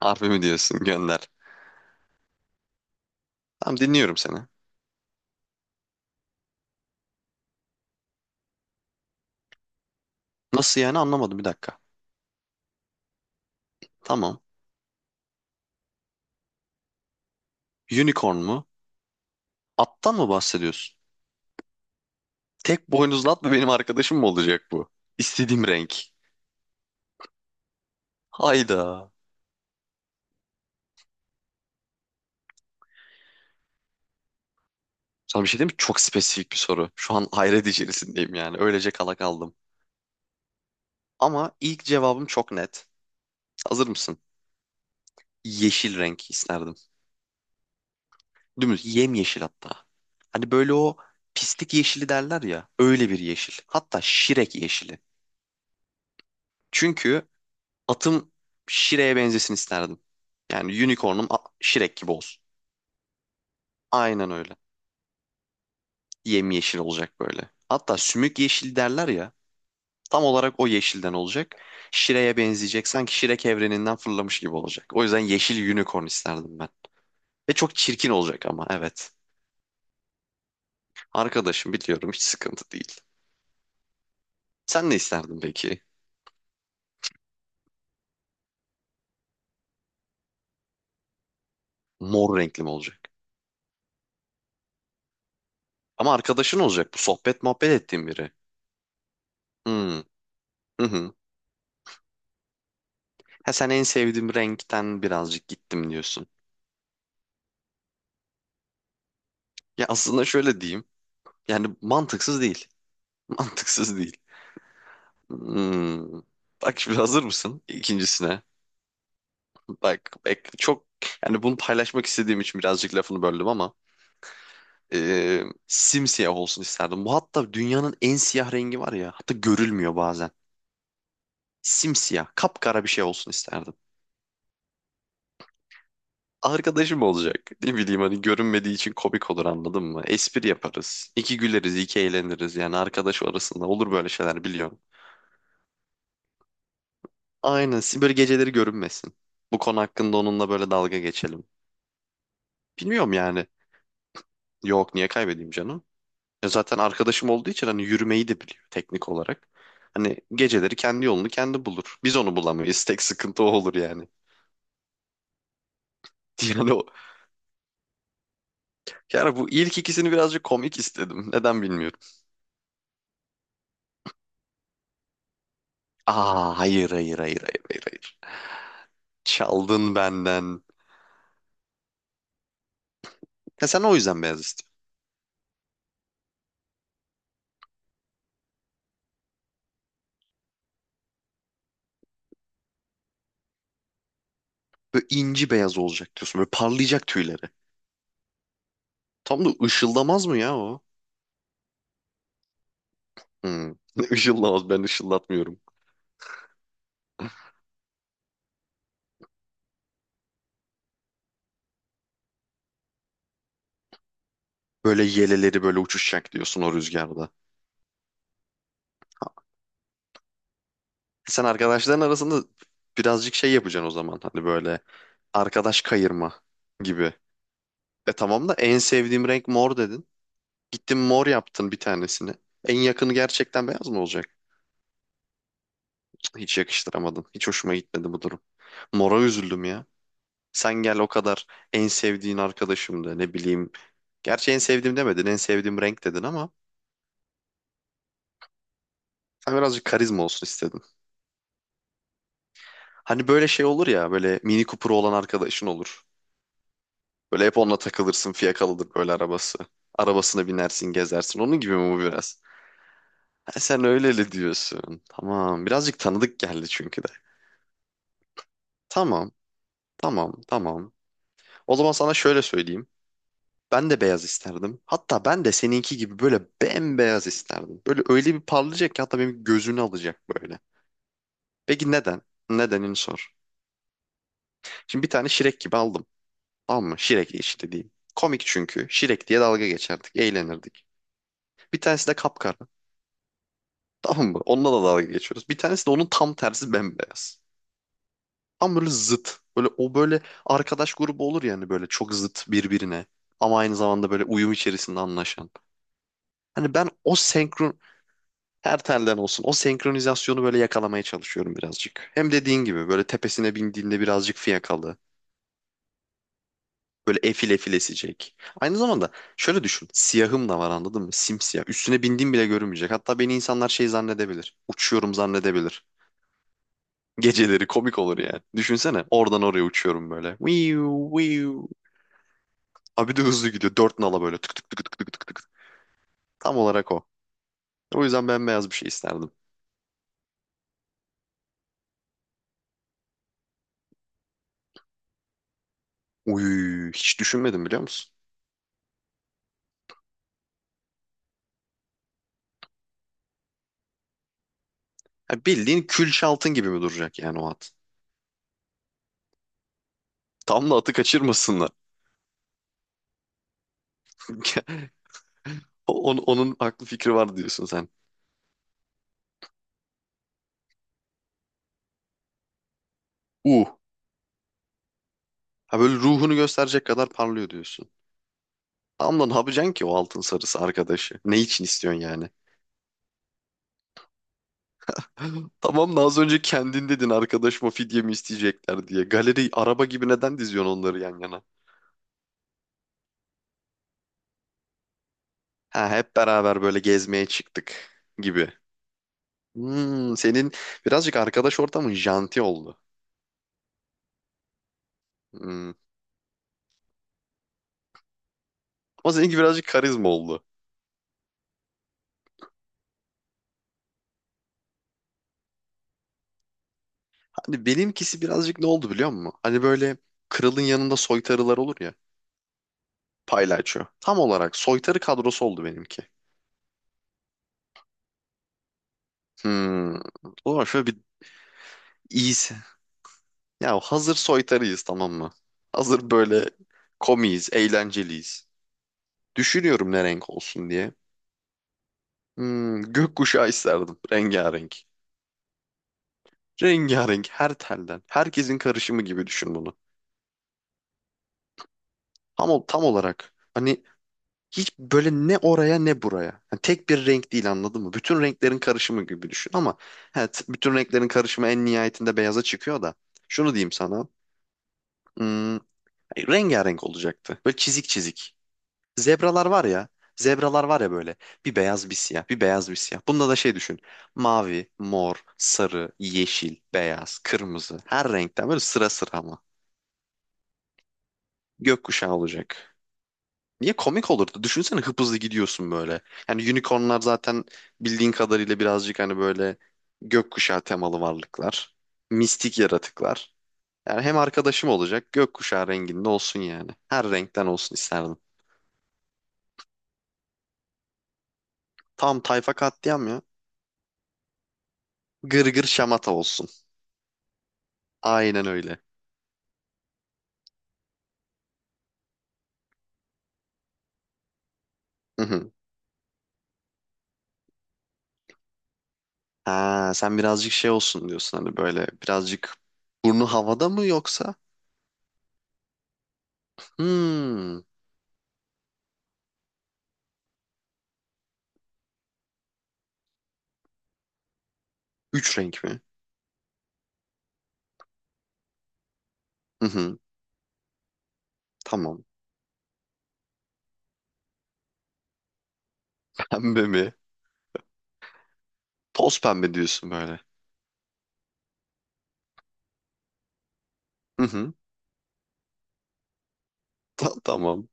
Harbi mi diyorsun? Gönder. Tamam dinliyorum seni. Nasıl yani anlamadım bir dakika. Tamam. Unicorn mu? Attan mı bahsediyorsun? Tek boynuzlu at mı benim arkadaşım mı olacak bu? İstediğim renk. Hayda. Sana bir şey diyeyim mi? Çok spesifik bir soru. Şu an hayret içerisindeyim yani. Öylece kala kaldım. Ama ilk cevabım çok net. Hazır mısın? Yeşil renk isterdim. Dümdüz yemyeşil hatta. Hani böyle o pislik yeşili derler ya. Öyle bir yeşil. Hatta şirek yeşili. Çünkü atım Şire'ye benzesin isterdim. Yani Şirek gibi olsun. Aynen öyle. Yemyeşil olacak böyle. Hatta sümük yeşil derler ya. Tam olarak o yeşilden olacak. Şire'ye benzeyecek. Sanki Şirek evreninden fırlamış gibi olacak. O yüzden yeşil unicorn isterdim ben. Ve çok çirkin olacak ama evet. Arkadaşım biliyorum, hiç sıkıntı değil. Sen ne isterdin peki? Mor renkli mi olacak? Ama arkadaşın olacak bu, sohbet muhabbet ettiğin biri. Hmm. Hı hı. Ha, sen en sevdiğim renkten birazcık gittim diyorsun. Ya aslında şöyle diyeyim. Yani mantıksız değil. Mantıksız değil. Hmm. Bak, şimdi hazır mısın ikincisine? Bak, bak, çok yani bunu paylaşmak istediğim için birazcık lafını böldüm ama e, simsiyah olsun isterdim. Bu hatta dünyanın en siyah rengi var ya, hatta görülmüyor bazen. Simsiyah, kapkara bir şey olsun isterdim. Arkadaşım olacak. Ne bileyim, hani görünmediği için komik olur, anladın mı? Espri yaparız. İki güleriz, iki eğleniriz. Yani arkadaş arasında olur böyle şeyler, biliyorum. Aynen. Siz böyle geceleri görünmesin. Bu konu hakkında onunla böyle dalga geçelim. Bilmiyorum yani. Yok, niye kaybedeyim canım? Ya zaten arkadaşım olduğu için hani yürümeyi de biliyor teknik olarak. Hani geceleri kendi yolunu kendi bulur. Biz onu bulamayız. Tek sıkıntı o olur yani. Yani o. Yani bu ilk ikisini birazcık komik istedim. Neden bilmiyorum. Aa, hayır hayır hayır hayır hayır hayır. Çaldın benden. Ya sen o yüzden beyaz istiyorsun. Böyle inci beyaz olacak diyorsun. Böyle parlayacak tüyleri. Tam da ışıldamaz mı ya o? Hmm. Işıllamaz, ben ışıllatmıyorum. Böyle yeleleri böyle uçuşacak diyorsun o rüzgarda. Sen arkadaşların arasında birazcık şey yapacaksın o zaman. Hani böyle arkadaş kayırma gibi. E tamam da, en sevdiğim renk mor dedin. Gittin mor yaptın bir tanesini. En yakını gerçekten beyaz mı olacak? Hiç yakıştıramadım. Hiç hoşuma gitmedi bu durum. Mora üzüldüm ya. Sen gel o kadar, en sevdiğin arkadaşım da ne bileyim. Gerçi en sevdiğim demedin, en sevdiğim renk dedin ama sen birazcık karizma olsun. Hani böyle şey olur ya, böyle Mini Cooper'ı olan arkadaşın olur. Böyle hep onunla takılırsın, fiyakalıdır böyle arabası. Arabasına binersin, gezersin, onun gibi mi bu biraz? Ha, sen öyle öyle diyorsun. Tamam, birazcık tanıdık geldi çünkü de. Tamam, tamam, tamam. O zaman sana şöyle söyleyeyim. Ben de beyaz isterdim. Hatta ben de seninki gibi böyle bembeyaz isterdim. Böyle öyle bir parlayacak ki hatta benim gözünü alacak böyle. Peki neden? Nedenini sor. Şimdi bir tane şirek gibi aldım. Tamam mı? Şirek işte diyeyim. Komik çünkü. Şirek diye dalga geçerdik. Eğlenirdik. Bir tanesi de kapkara. Tamam mı? Onunla da dalga geçiyoruz. Bir tanesi de onun tam tersi bembeyaz. Tam böyle zıt. Böyle arkadaş grubu olur yani, böyle çok zıt birbirine. Ama aynı zamanda böyle uyum içerisinde anlaşan. Hani ben o senkron, her telden olsun, o senkronizasyonu böyle yakalamaya çalışıyorum birazcık. Hem dediğin gibi böyle tepesine bindiğinde birazcık fiyakalı. Böyle efil efil esecek. Aynı zamanda şöyle düşün. Siyahım da var, anladın mı? Simsiyah. Üstüne bindiğim bile görünmeyecek. Hatta beni insanlar şey zannedebilir. Uçuyorum zannedebilir. Geceleri komik olur yani. Düşünsene oradan oraya uçuyorum böyle. Viu, viu. Abi bir de hızlı gidiyor. Dört nala böyle, tık tık tık tık tık tık tık. Tam olarak o. O yüzden bembeyaz bir şey isterdim. Uy, hiç düşünmedim, biliyor musun? Ya bildiğin kül şaltın gibi mi duracak yani o at? Tam da atı kaçırmasınlar. Onun aklı fikri var diyorsun sen. Uh. Ha, böyle ruhunu gösterecek kadar parlıyor diyorsun. Tamam da ne yapacaksın ki o altın sarısı arkadaşı? Ne için istiyorsun yani? Tamam da az önce kendin dedin, arkadaşıma fidye mi isteyecekler diye. Galeri araba gibi neden diziyorsun onları yan yana? Ha, hep beraber böyle gezmeye çıktık gibi. Hmm, senin birazcık arkadaş ortamın janti oldu. Hmm. Ama seninki birazcık karizma oldu. Hani benimkisi birazcık ne oldu, biliyor musun? Hani böyle kralın yanında soytarılar olur ya. Paylaşıyor. Tam olarak soytarı kadrosu oldu benimki. Hmm. O zaman şöyle bir iyisi. Ya hazır soytarıyız, tamam mı? Hazır böyle komiyiz, eğlenceliyiz. Düşünüyorum ne renk olsun diye. Hmm, gökkuşağı isterdim. Rengarenk. Rengarenk, her telden. Herkesin karışımı gibi düşün bunu. Tam olarak. Hani hiç böyle ne oraya ne buraya. Yani tek bir renk değil, anladın mı? Bütün renklerin karışımı gibi düşün ama evet, bütün renklerin karışımı en nihayetinde beyaza çıkıyor da. Şunu diyeyim sana. Hmm, rengarenk olacaktı. Böyle çizik çizik. Zebralar var ya. Zebralar var ya böyle. Bir beyaz bir siyah. Bir beyaz bir siyah. Bunda da şey düşün. Mavi, mor, sarı, yeşil, beyaz, kırmızı. Her renkten böyle sıra sıra ama. Gökkuşağı olacak. Niye komik olurdu? Düşünsene hıpızlı gidiyorsun böyle. Yani unicornlar zaten bildiğin kadarıyla birazcık hani böyle gökkuşağı temalı varlıklar. Mistik yaratıklar. Yani hem arkadaşım olacak, gökkuşağı renginde olsun yani. Her renkten olsun isterdim. Tam tayfa katliam ya. Gırgır şamata olsun. Aynen öyle. Hı hı. Ha, sen birazcık şey olsun diyorsun, hani böyle birazcık burnu havada mı yoksa? Hmm. Üç renk mi? Hı hı. Tamam. Pembe mi? Toz pembe diyorsun böyle. Hı hı. Tamam.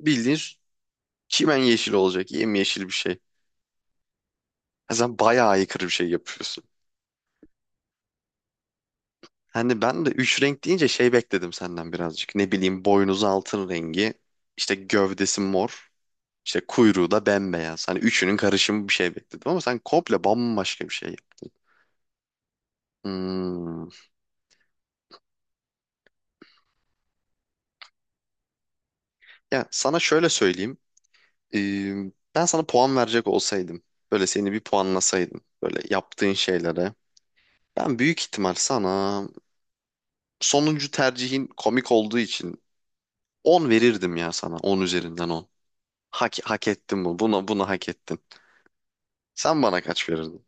Bildiğin çimen yeşil olacak. Yemyeşil bir şey. Ha, sen bayağı aykırı bir şey yapıyorsun. Hani ben de üç renk deyince şey bekledim senden birazcık. Ne bileyim boynuzu altın rengi, işte gövdesi mor. İşte kuyruğu da bembeyaz. Hani üçünün karışımı bir şey bekledim ama sen komple bambaşka bir şey. Hmm. Ya sana şöyle söyleyeyim. Ee, ben sana puan verecek olsaydım. Böyle seni bir puanlasaydım. Böyle yaptığın şeylere. Ben büyük ihtimal sana, sonuncu tercihin komik olduğu için, 10 verirdim ya sana. 10 üzerinden 10. Hak ettin bu. Buna, bunu hak ettin. Sen bana kaç verirdin?